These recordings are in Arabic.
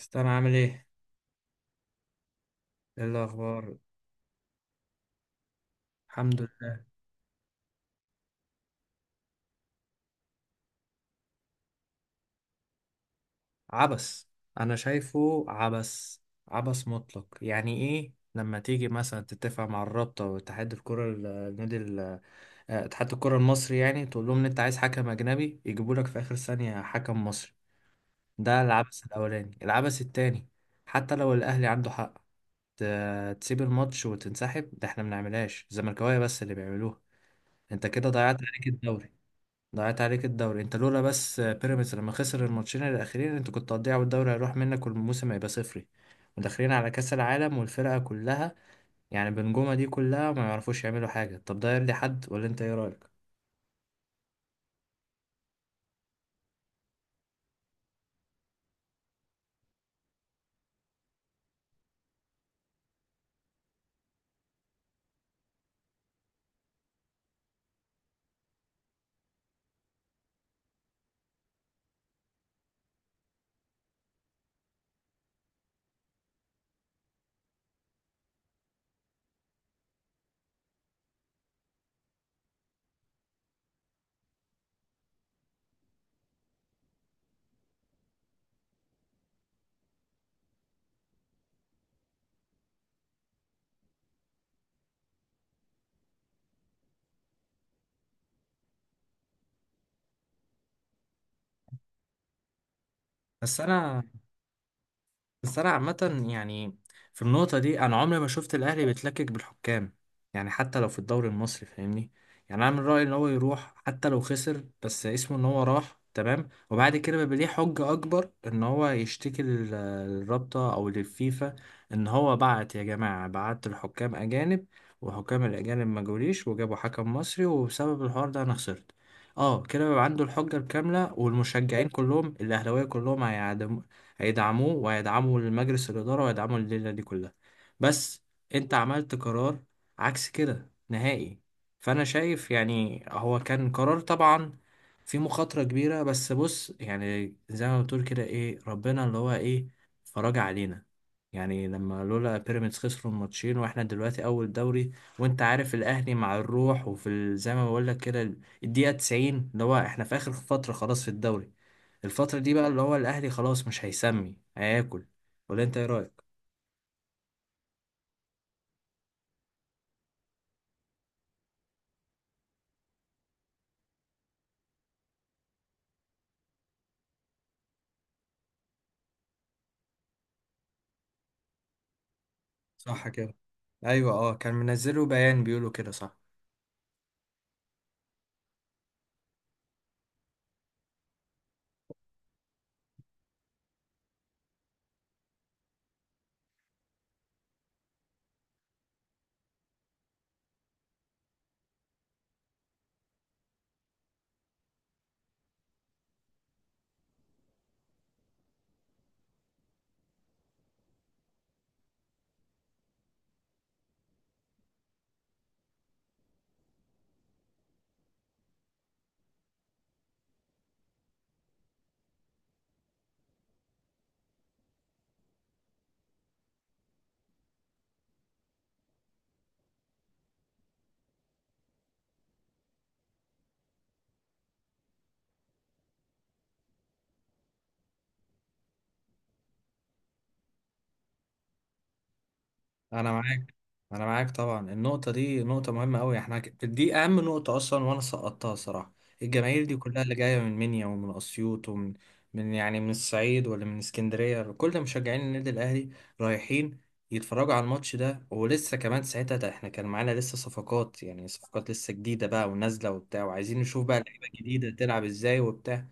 استنى، عامل ايه؟ ايه الاخبار؟ الحمد لله. عبس. انا شايفه عبس. عبس مطلق. يعني ايه لما تيجي مثلا تتفق مع الرابطه واتحاد الكره ال- النادي ال- آه، اتحاد الكره المصري، يعني تقول لهم ان انت عايز حكم اجنبي يجيبوا لك في اخر ثانيه حكم مصري؟ ده العبث الاولاني، العبث التاني. حتى لو الاهلي عنده حق، تسيب الماتش وتنسحب؟ ده احنا ما بنعملهاش، الزملكاويه بس اللي بيعملوها. انت كده ضيعت عليك الدوري. ضاعت عليك الدوري، انت لولا بس بيراميدز لما خسر الماتشين الاخيرين انت كنت هتضيع والدوري هيروح منك والموسم هيبقى صفري. وداخلين على كاس العالم، والفرقه كلها يعني بنجومه دي كلها ما يعرفوش يعملوا حاجه. طب ده يرضي حد؟ ولا انت ايه رايك؟ بس انا بس انا عامة، يعني في النقطة دي انا عمري ما شفت الاهلي بيتلكك بالحكام، يعني حتى لو في الدوري المصري، فاهمني؟ يعني انا من رأيي ان هو يروح حتى لو خسر، بس اسمه ان هو راح، تمام، وبعد كده بيبقى ليه حجة اكبر ان هو يشتكي للرابطة او للفيفا، ان هو بعت يا جماعة، بعت الحكام اجانب وحكام الاجانب ما جوليش وجابوا حكم مصري، وبسبب الحوار ده انا خسرت. اه، كده بيبقى عنده الحجة الكاملة، والمشجعين كلهم الاهلاوية كلهم هيعدموا، هيدعموه وهيدعموا المجلس الإدارة وهيدعموا الليلة دي كلها. بس أنت عملت قرار عكس كده نهائي. فأنا شايف يعني هو كان قرار طبعا في مخاطرة كبيرة، بس بص، يعني زي ما بتقول كده، إيه، ربنا اللي هو إيه فرج علينا، يعني لما لولا بيراميدز خسروا الماتشين واحنا دلوقتي اول دوري. وانت عارف الاهلي مع الروح، وفي زي ما بقول لك كده، الدقيقه 90 اللي هو احنا في اخر فتره خلاص في الدوري. الفترة دي بقى اللي هو الأهلي خلاص مش هيسمي هياكل. ولا أنت إيه رأيك؟ صح كده. ايوه، اه، كان منزله بيان بيقولوا كده، صح. انا معاك. انا معاك طبعا، النقطه دي نقطه مهمه قوي، احنا دي اهم نقطه اصلا، وانا سقطتها صراحه. الجماهير دي كلها اللي جايه من منيا ومن اسيوط ومن يعني من الصعيد ولا من اسكندريه، كل مشجعين النادي الاهلي رايحين يتفرجوا على الماتش ده، ولسه كمان ساعتها ده احنا كان معانا لسه صفقات، يعني صفقات لسه جديده بقى ونازله وبتاع، وعايزين نشوف بقى لعيبه جديده تلعب ازاي وبتاع.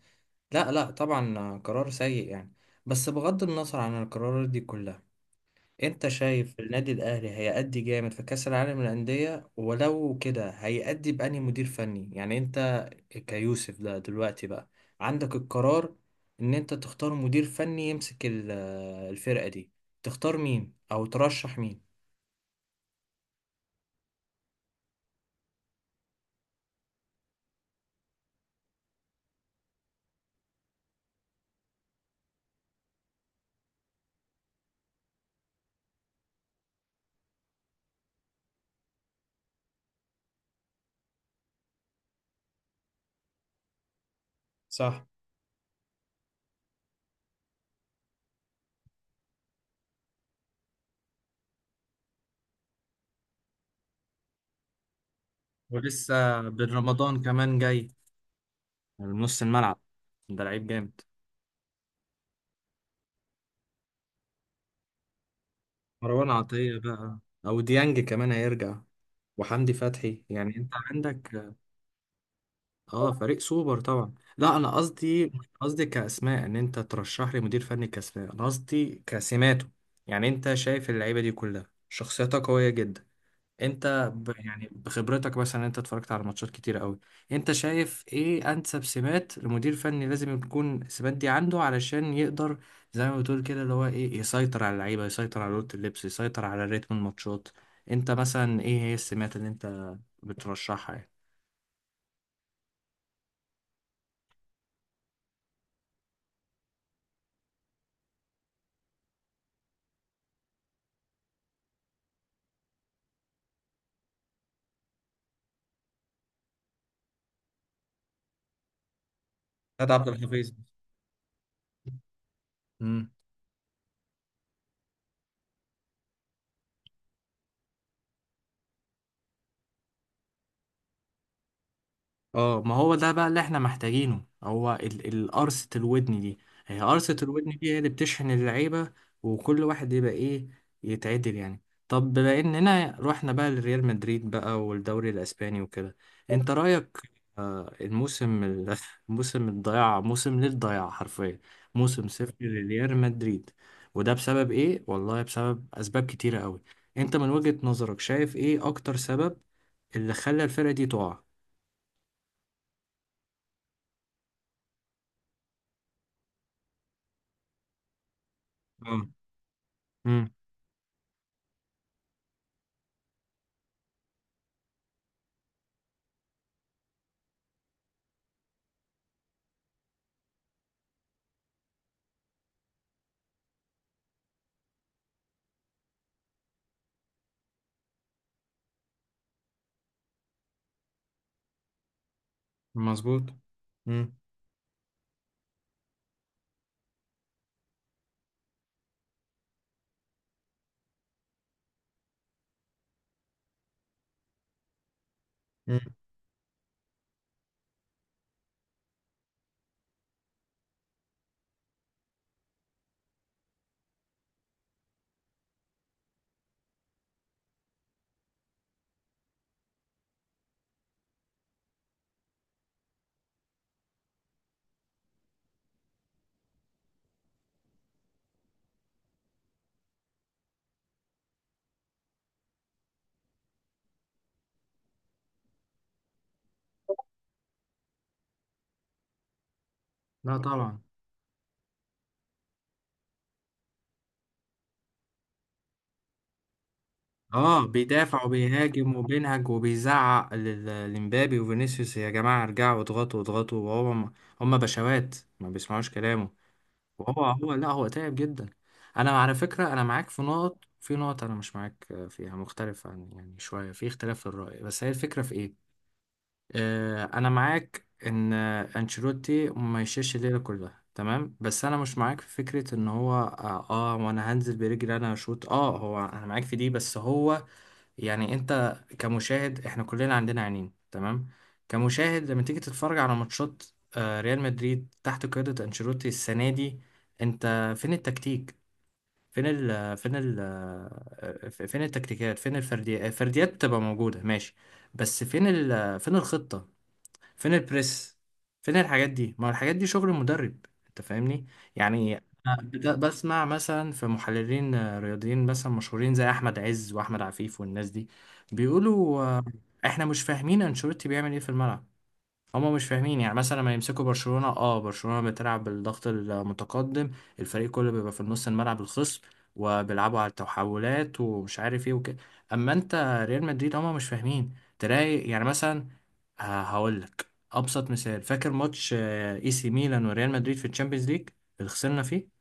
لا لا، طبعا قرار سيء يعني. بس بغض النظر عن القرارات دي كلها، انت شايف النادي الاهلي هيأدي جامد في كأس العالم للأندية؟ ولو كده هيأدي بأنهي مدير فني؟ يعني انت كيوسف ده دلوقتي بقى عندك القرار ان انت تختار مدير فني يمسك الفرقة دي، تختار مين او ترشح مين؟ صح. ولسه بن رمضان كمان جاي، من نص الملعب. ده لعيب جامد. مروان عطية بقى، او ديانج كمان هيرجع، وحمدي فتحي، يعني انت عندك. اه، فريق سوبر طبعا. لا، انا قصدي مش قصدي كاسماء ان انت ترشح لي مدير فني كاسماء، انا قصدي كسماته. يعني انت شايف اللعيبه دي كلها شخصيتها قويه جدا، انت يعني بخبرتك مثلا، انت اتفرجت على ماتشات كتير قوي، انت شايف ايه انسب سمات لمدير فني لازم تكون السمات دي عنده علشان يقدر، زي ما بتقول كده اللي هو ايه، يسيطر على اللعيبه، يسيطر على اوضه اللبس، يسيطر على رتم الماتشات؟ انت مثلا ايه هي السمات اللي انت بترشحها يعني؟ سيد عبد الحفيظ. اه، ما هو ده بقى اللي احنا محتاجينه، هو القرصة الودن دي. هي قرصة الودن دي هي اللي بتشحن اللعيبة، وكل واحد يبقى ايه، يتعدل يعني. طب بما اننا رحنا بقى لريال مدريد بقى والدوري الاسباني وكده، انت رأيك؟ الموسم موسم الضياع، موسم للضياع حرفيا، موسم صفر لريال مدريد. وده بسبب ايه؟ والله بسبب اسباب كتيرة قوي. انت من وجهة نظرك شايف ايه اكتر سبب اللي خلى الفرقة دي تقع؟ امم. مظبوط. مم. مم. لا، طبعا. اه، بيدافع وبيهاجم وبينهج وبيزعق لمبابي وفينيسيوس، يا جماعه ارجعوا اضغطوا اضغطوا، وهو هم بشوات ما بيسمعوش كلامه. وهو لا، هو تعب جدا. انا على فكره، انا معاك في نقط، في نقط انا مش معاك فيها، مختلف عن يعني شويه، في اختلاف في الراي، بس هي الفكره في ايه؟ انا معاك ان انشيلوتي ما يشيلش الليله كلها، تمام، بس انا مش معاك في فكره ان هو وانا هنزل برجلي انا اشوط، اه، هو انا معاك في دي بس هو، يعني انت كمشاهد، احنا كلنا عندنا عينين، تمام. كمشاهد لما تيجي تتفرج على ماتشات ريال مدريد تحت قياده انشيلوتي السنه دي، انت فين التكتيك؟ فين ال فين ال آه، فين التكتيكات؟ فين الفرديات؟ الفرديات بتبقى موجوده، ماشي، بس فين الخطة؟ فين البريس؟ فين الحاجات دي؟ ما هو الحاجات دي شغل المدرب، انت فاهمني يعني. أنا بسمع مثلا في محللين رياضيين مثلا مشهورين زي احمد عز واحمد عفيف والناس دي، بيقولوا احنا مش فاهمين انشيلوتي بيعمل ايه في الملعب. هما مش فاهمين، يعني مثلا لما يمسكوا برشلونة، برشلونة بتلعب بالضغط المتقدم، الفريق كله بيبقى في النص الملعب الخصم، وبيلعبوا على التحولات ومش عارف ايه وكده. اما انت ريال مدريد هما مش فاهمين. تلاقي يعني مثلا، هقول لك ابسط مثال، فاكر ماتش اي سي ميلان وريال مدريد في الشامبيونز ليج اللي خسرنا فيه؟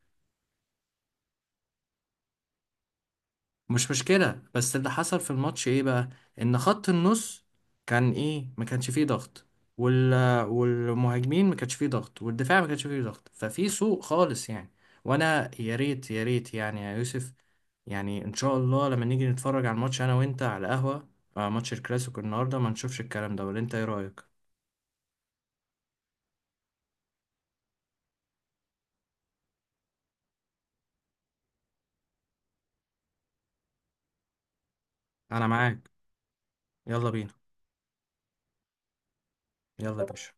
مش مشكلة، بس اللي حصل في الماتش ايه بقى؟ ان خط النص كان ايه، ما كانش فيه ضغط، وال... والمهاجمين ما كانش فيه ضغط، والدفاع ما كانش فيه ضغط، ففي سوء خالص يعني. وانا يا ريت يا ريت، يعني يا يوسف، يعني ان شاء الله لما نيجي نتفرج على الماتش انا وانت على قهوة، ماتش الكلاسيكو النهاردة ما نشوفش الكلام ده. ولا انت ايه رأيك؟ انا معاك. يلا بينا. يلا يا باشا.